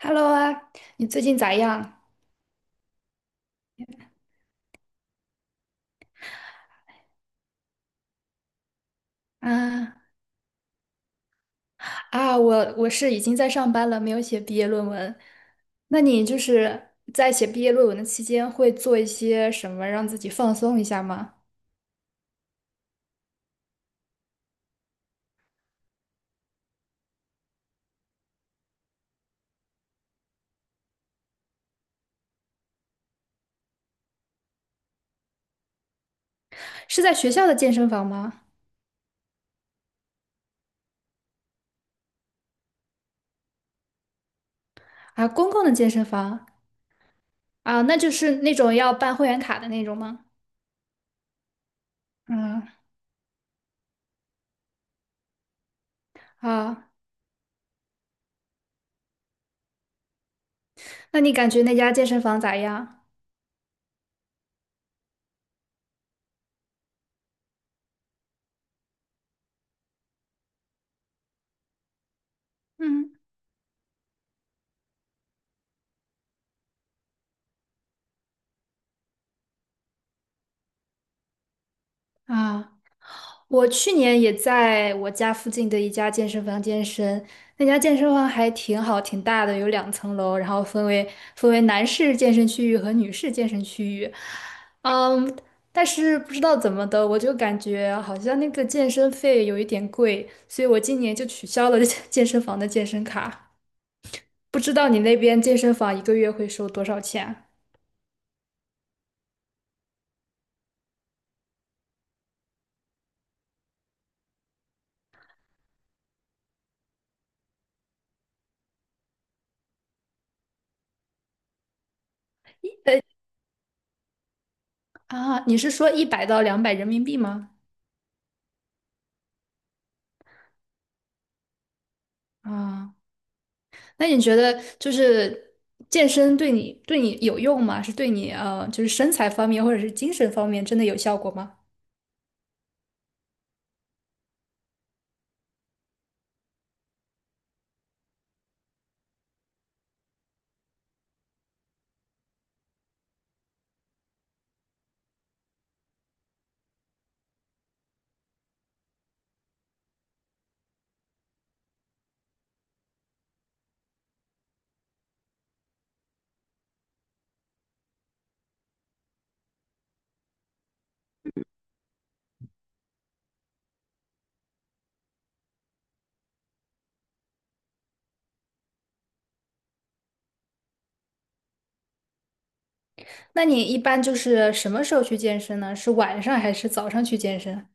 Hello 啊，你最近咋样？啊啊，我是已经在上班了，没有写毕业论文。那你就是在写毕业论文的期间，会做一些什么让自己放松一下吗？是在学校的健身房吗？啊，公共的健身房啊，那就是那种要办会员卡的那种吗？嗯啊，那你感觉那家健身房咋样？嗯啊。我去年也在我家附近的一家健身房健身，那家健身房还挺好，挺大的，有2层楼，然后分为男士健身区域和女士健身区域。嗯，但是不知道怎么的，我就感觉好像那个健身费有一点贵，所以我今年就取消了 健身房的健身卡。不知道你那边健身房一个月会收多少钱？呃啊，你是说100到200人民币吗？啊。那你觉得就是健身对你有用吗？是对你就是身材方面或者是精神方面真的有效果吗？那你一般就是什么时候去健身呢？是晚上还是早上去健身？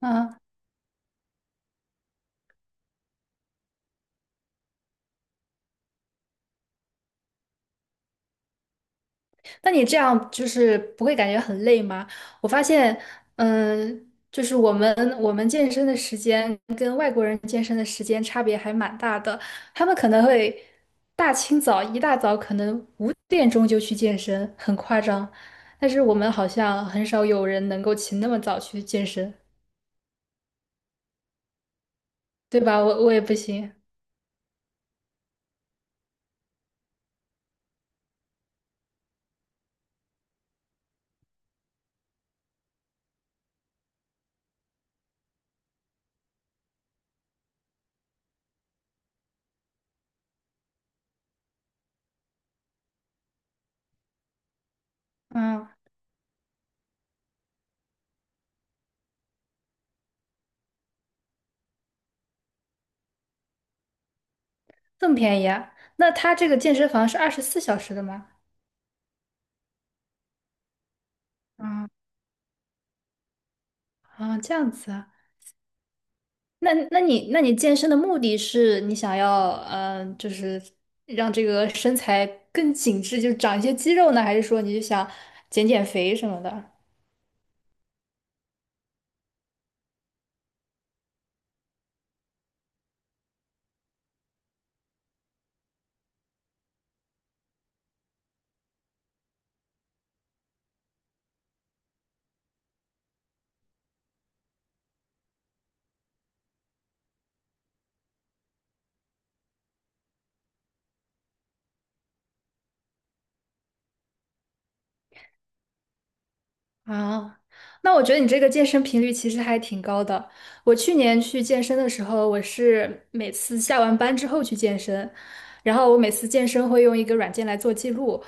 啊？那你这样就是不会感觉很累吗？我发现，就是我们健身的时间跟外国人健身的时间差别还蛮大的。他们可能会大清早一大早可能5点钟就去健身，很夸张。但是我们好像很少有人能够起那么早去健身，对吧？我也不行。嗯，这么便宜啊？那他这个健身房是24小时的吗？嗯啊，这样子啊。那你健身的目的是你想要就是让这个身材更紧致，就长一些肌肉呢，还是说你就想减减肥什么的？啊，那我觉得你这个健身频率其实还挺高的。我去年去健身的时候，我是每次下完班之后去健身，然后我每次健身会用一个软件来做记录。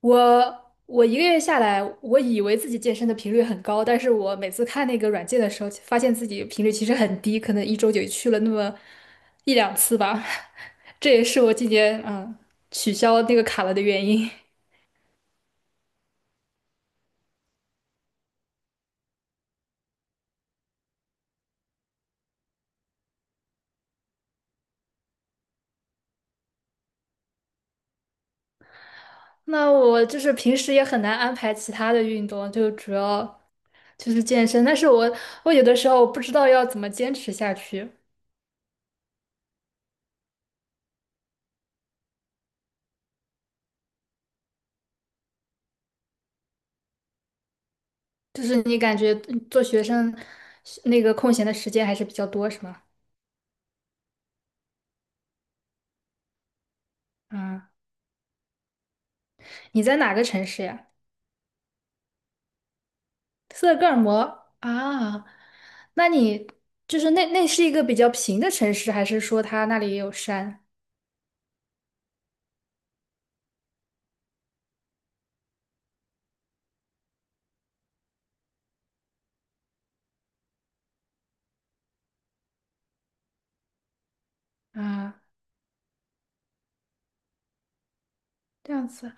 我我一个月下来，我以为自己健身的频率很高，但是我每次看那个软件的时候，发现自己频率其实很低，可能一周就去了那么一两次吧。这也是我今年取消那个卡了的原因。那我就是平时也很难安排其他的运动，就主要就是健身。但是我有的时候不知道要怎么坚持下去，就是你感觉做学生那个空闲的时间还是比较多，是吗？嗯，你在哪个城市呀？斯德哥尔摩啊？那你就是那是一个比较平的城市，还是说它那里也有山啊？这样子。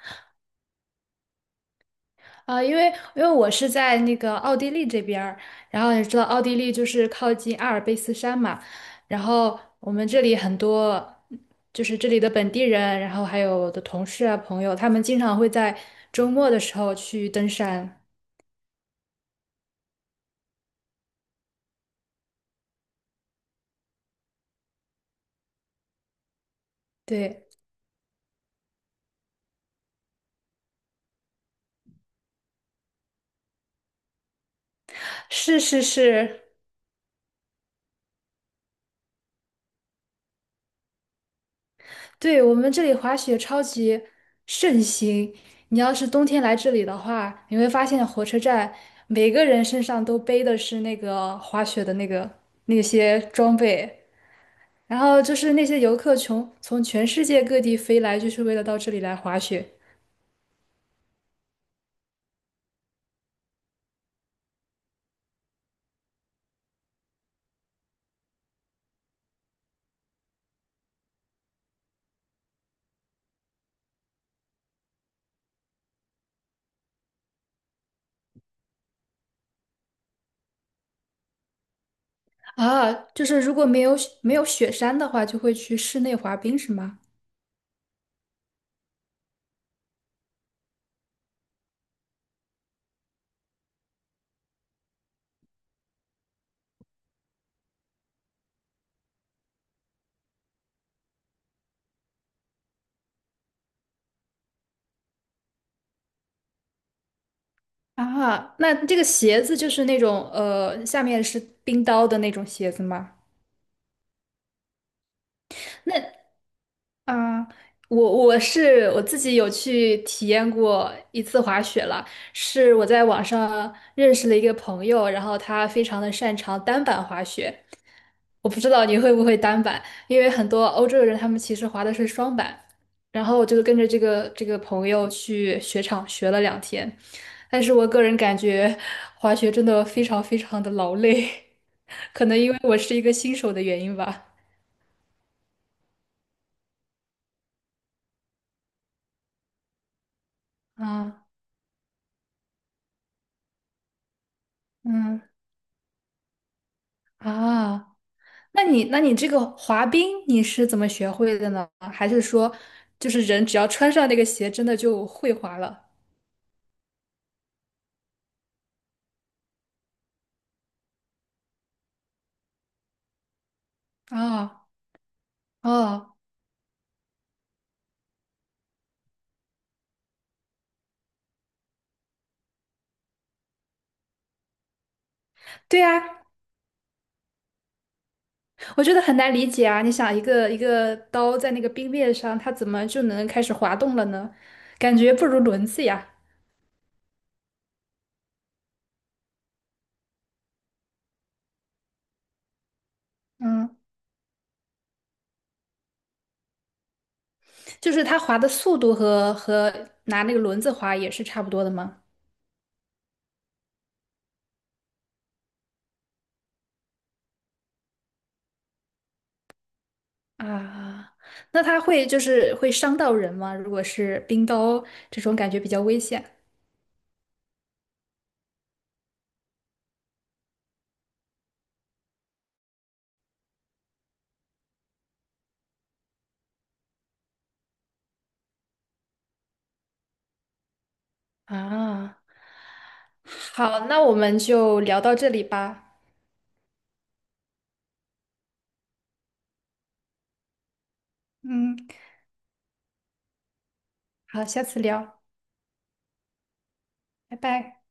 啊，因为我是在那个奥地利这边儿，然后你知道奥地利就是靠近阿尔卑斯山嘛，然后我们这里很多就是这里的本地人，然后还有我的同事啊朋友，他们经常会在周末的时候去登山。对，是是是，对，我们这里滑雪超级盛行。你要是冬天来这里的话，你会发现火车站每个人身上都背的是那个滑雪的那个那些装备。然后就是那些游客从全世界各地飞来，就是为了到这里来滑雪啊。就是如果没有雪山的话，就会去室内滑冰，是吗？啊，那这个鞋子就是那种下面是冰刀的那种鞋子吗？那啊，我是我自己有去体验过一次滑雪了，是我在网上认识了一个朋友，然后他非常的擅长单板滑雪。我不知道你会不会单板，因为很多欧洲人他们其实滑的是双板。然后我就跟着这个朋友去雪场学了2天，但是我个人感觉滑雪真的非常非常的劳累，可能因为我是一个新手的原因吧。啊，嗯啊。那你这个滑冰你是怎么学会的呢？还是说，就是人只要穿上那个鞋，真的就会滑了？啊哦，对啊，我觉得很难理解啊！你想，一个一个刀在那个冰面上，它怎么就能开始滑动了呢？感觉不如轮子呀。嗯，就是它滑的速度和拿那个轮子滑也是差不多的吗？啊，那它会就是会伤到人吗？如果是冰刀这种感觉比较危险啊。好，那我们就聊到这里吧。嗯，好，下次聊，拜拜。